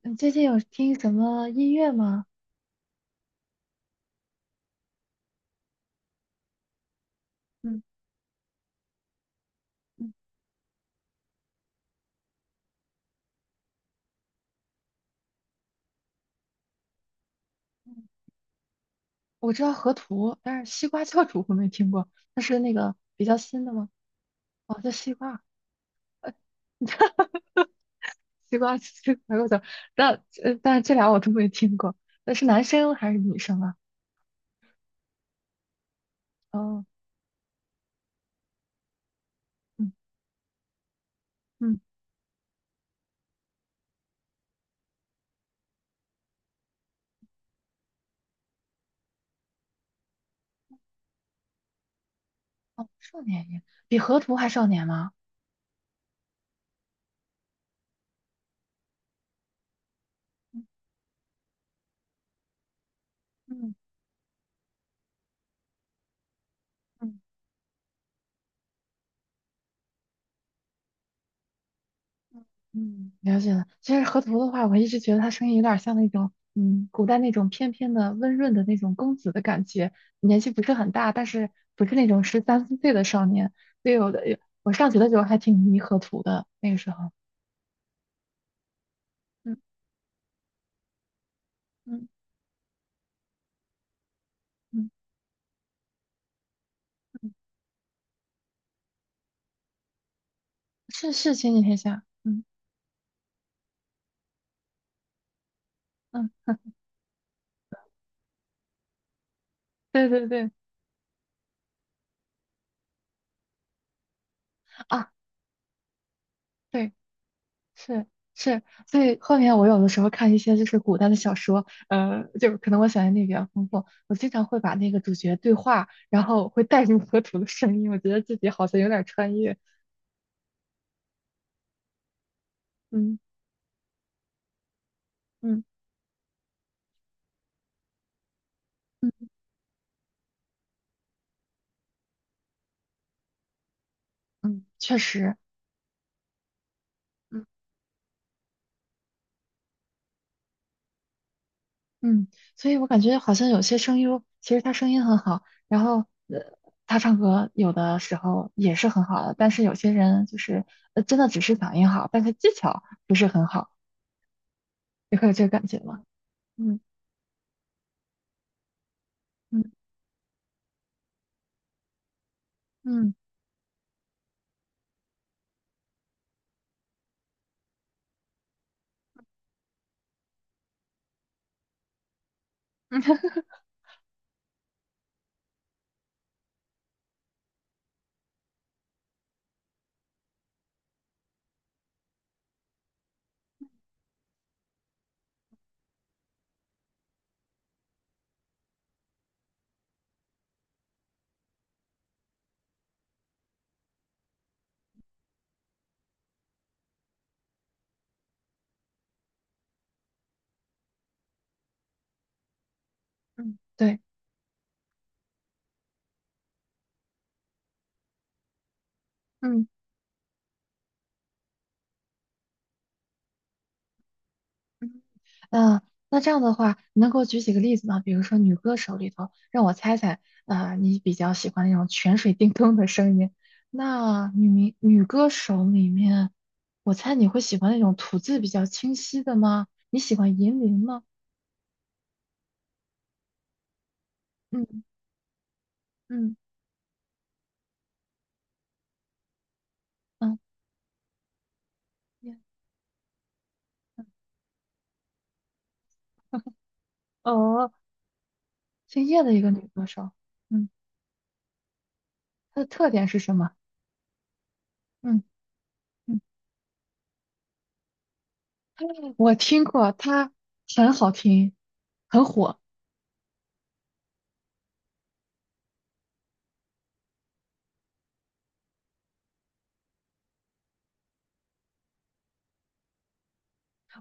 你最近有听什么音乐吗？嗯嗯嗯，我知道河图，但是西瓜教主我没听过，那是那个比较新的吗？哦，叫西瓜，西瓜，西瓜教主但但是这俩我都没听过。那是男生还是女生啊？哦，嗯嗯，哦，少年音，比河图还少年吗？嗯嗯嗯，了解了。其实河图的话，我一直觉得他声音有点像那种，嗯，古代那种翩翩的、温润的那种公子的感觉，年纪不是很大，但是不是那种十三四岁的少年。对，以我的，我上学的时候还挺迷河图的，那个时候，嗯嗯嗯，嗯，是前几天下，嗯，对对对，啊，对。是是，所以后面我有的时候看一些就是古代的小说，就是可能我想象力比较丰富，我经常会把那个主角对话，然后会带入河图的声音，我觉得自己好像有点穿越。嗯嗯嗯嗯，确实，嗯嗯，所以我感觉好像有些声优其实他声音很好，然后呃，他唱歌有的时候也是很好的，但是有些人就是真的只是嗓音好，但是技巧不是很好，你会有这个感觉吗？嗯嗯嗯。嗯，对，嗯嗯，呃，那这样的话，你能给我举几个例子吗？比如说女歌手里头，让我猜猜，啊，你比较喜欢那种泉水叮咚的声音。那女歌手里面，我猜你会喜欢那种吐字比较清晰的吗？你喜欢银铃吗？嗯嗯嗯，叶，嗯，哦，姓叶的一个女歌手，嗯，她的特点是什么？嗯嗯，我听过，她很好听，很火。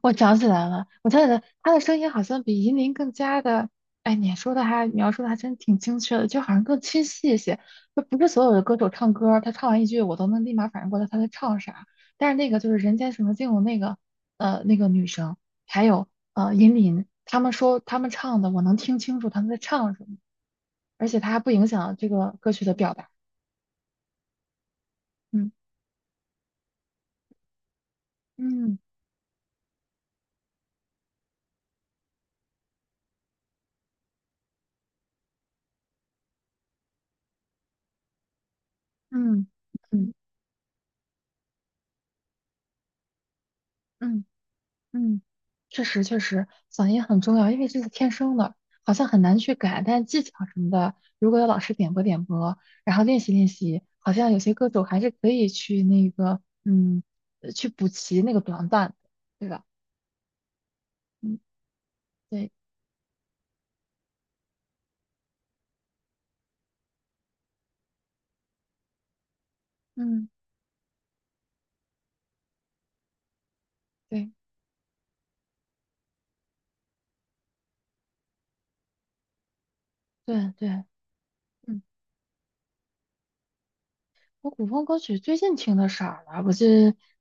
我想起来了，我想起来，他的声音好像比银临更加的，哎，你说的还描述的还真挺精确的，就好像更清晰一些。就不是所有的歌手唱歌，他唱完一句我都能立马反应过来他在唱啥。但是那个就是《人间什么境》的那个，呃，那个女生，还有银临，他们说他们唱的，我能听清楚他们在唱什么，而且它还不影响这个歌曲的表达。嗯嗯嗯嗯嗯。嗯，确实，嗓音很重要，因为这是天生的，好像很难去改。但技巧什么的，如果有老师点拨点拨，然后练习练习，好像有些歌手还是可以去那个，去补齐那个短板的，对吧？嗯，对，嗯，对，对对，嗯。我古风歌曲最近听的少了，我记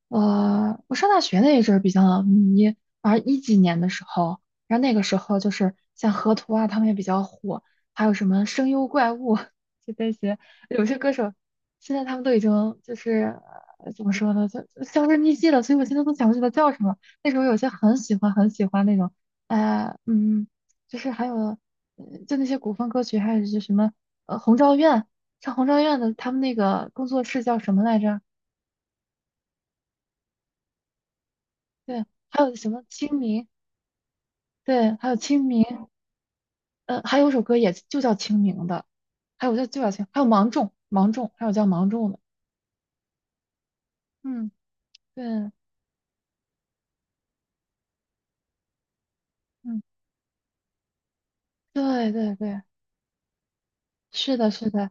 呃，我上大学那一阵儿比较迷，反正一几年的时候，然后那个时候就是像河图啊，他们也比较火，还有什么声优怪物，就那些有些歌手，现在他们都已经就是呃怎么说呢，就就销声匿迹了，所以我现在都想不起来叫什么。那时候有些很喜欢很喜欢那种，呃嗯，就是还有呃就那些古风歌曲，还有就是什么《红昭愿》。像红昭愿的他们那个工作室叫什么来着？对，还有什么清明？对，还有清明，呃，还有一首歌也就叫清明的，还有叫清，还有芒种，芒种，还有叫芒种的，嗯，对，嗯，对对对，是的，是的，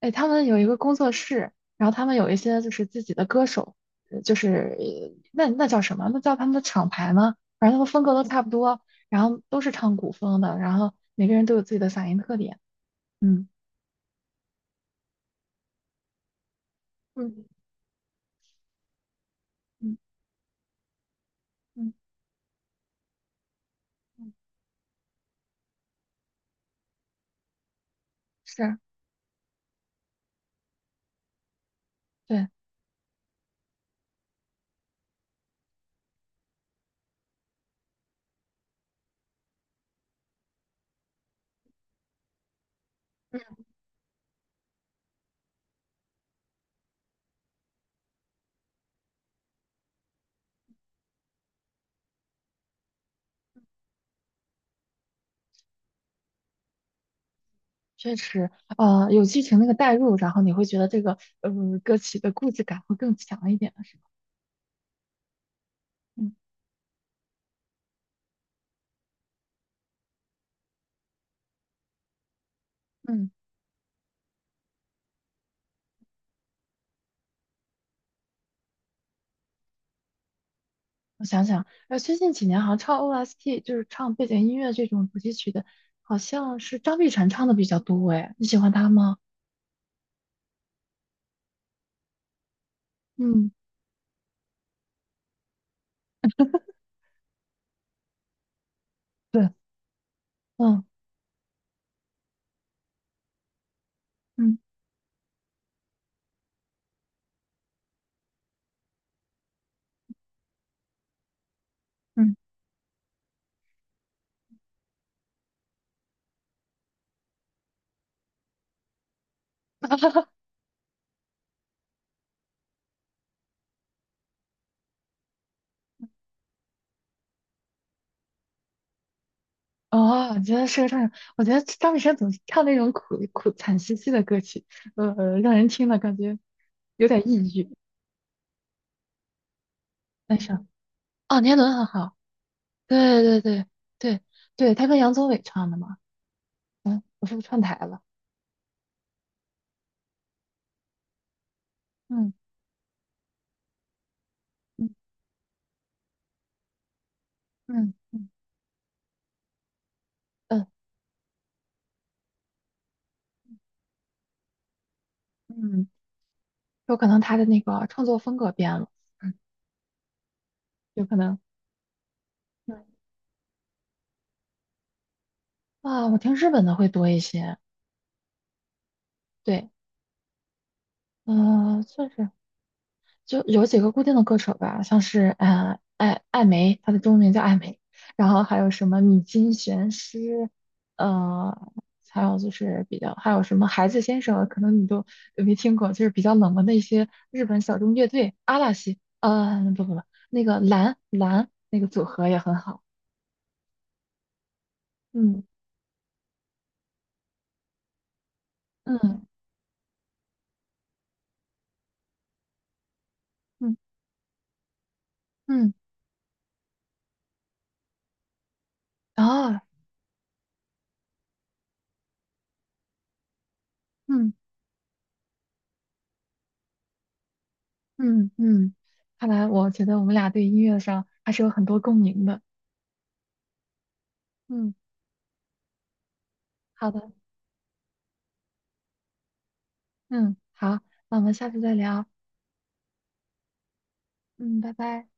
哎，他们有一个工作室，然后他们有一些就是自己的歌手，呃就是呃那那叫什么？那叫他们的厂牌吗？反正他们风格都差不多，然后都是唱古风的，然后每个人都有自己的嗓音特点，嗯嗯。嗯。嗯嗯，是啊，对，嗯，确实，有剧情那个代入，然后你会觉得这个歌曲的故事感会更强一点，是吧？嗯嗯，我想想，呃，最近几年好像唱 OST 就是唱背景音乐这种主题曲的，好像是张碧晨唱的比较多，哎，你喜欢他吗？嗯，对，嗯嗯嗯，哦，你觉得是个唱手，我觉得张碧晨总是唱那种苦苦惨兮兮的歌曲，让人听了感觉有点抑郁，但是。哦，年轮很好，对对对对对，他跟杨宗纬唱的嘛。嗯，我是不是串台了？嗯嗯嗯嗯嗯嗯，有可能他的那个创作风格变了，嗯，有可能。嗯啊，我听日本的会多一些。对，算是。就有几个固定的歌手吧，像是艾梅，她的中文名叫艾梅，然后还有什么米津玄师，呃，还有就是比较还有什么孩子先生，可能你都没听过，就是比较冷门的一些日本小众乐队阿拉西，呃，不不不，那个蓝蓝那个组合也很好，嗯嗯嗯嗯，啊嗯嗯嗯，看来我觉得我们俩对音乐上还是有很多共鸣的，嗯。好的。嗯，好，那我们下次再聊。嗯，拜拜。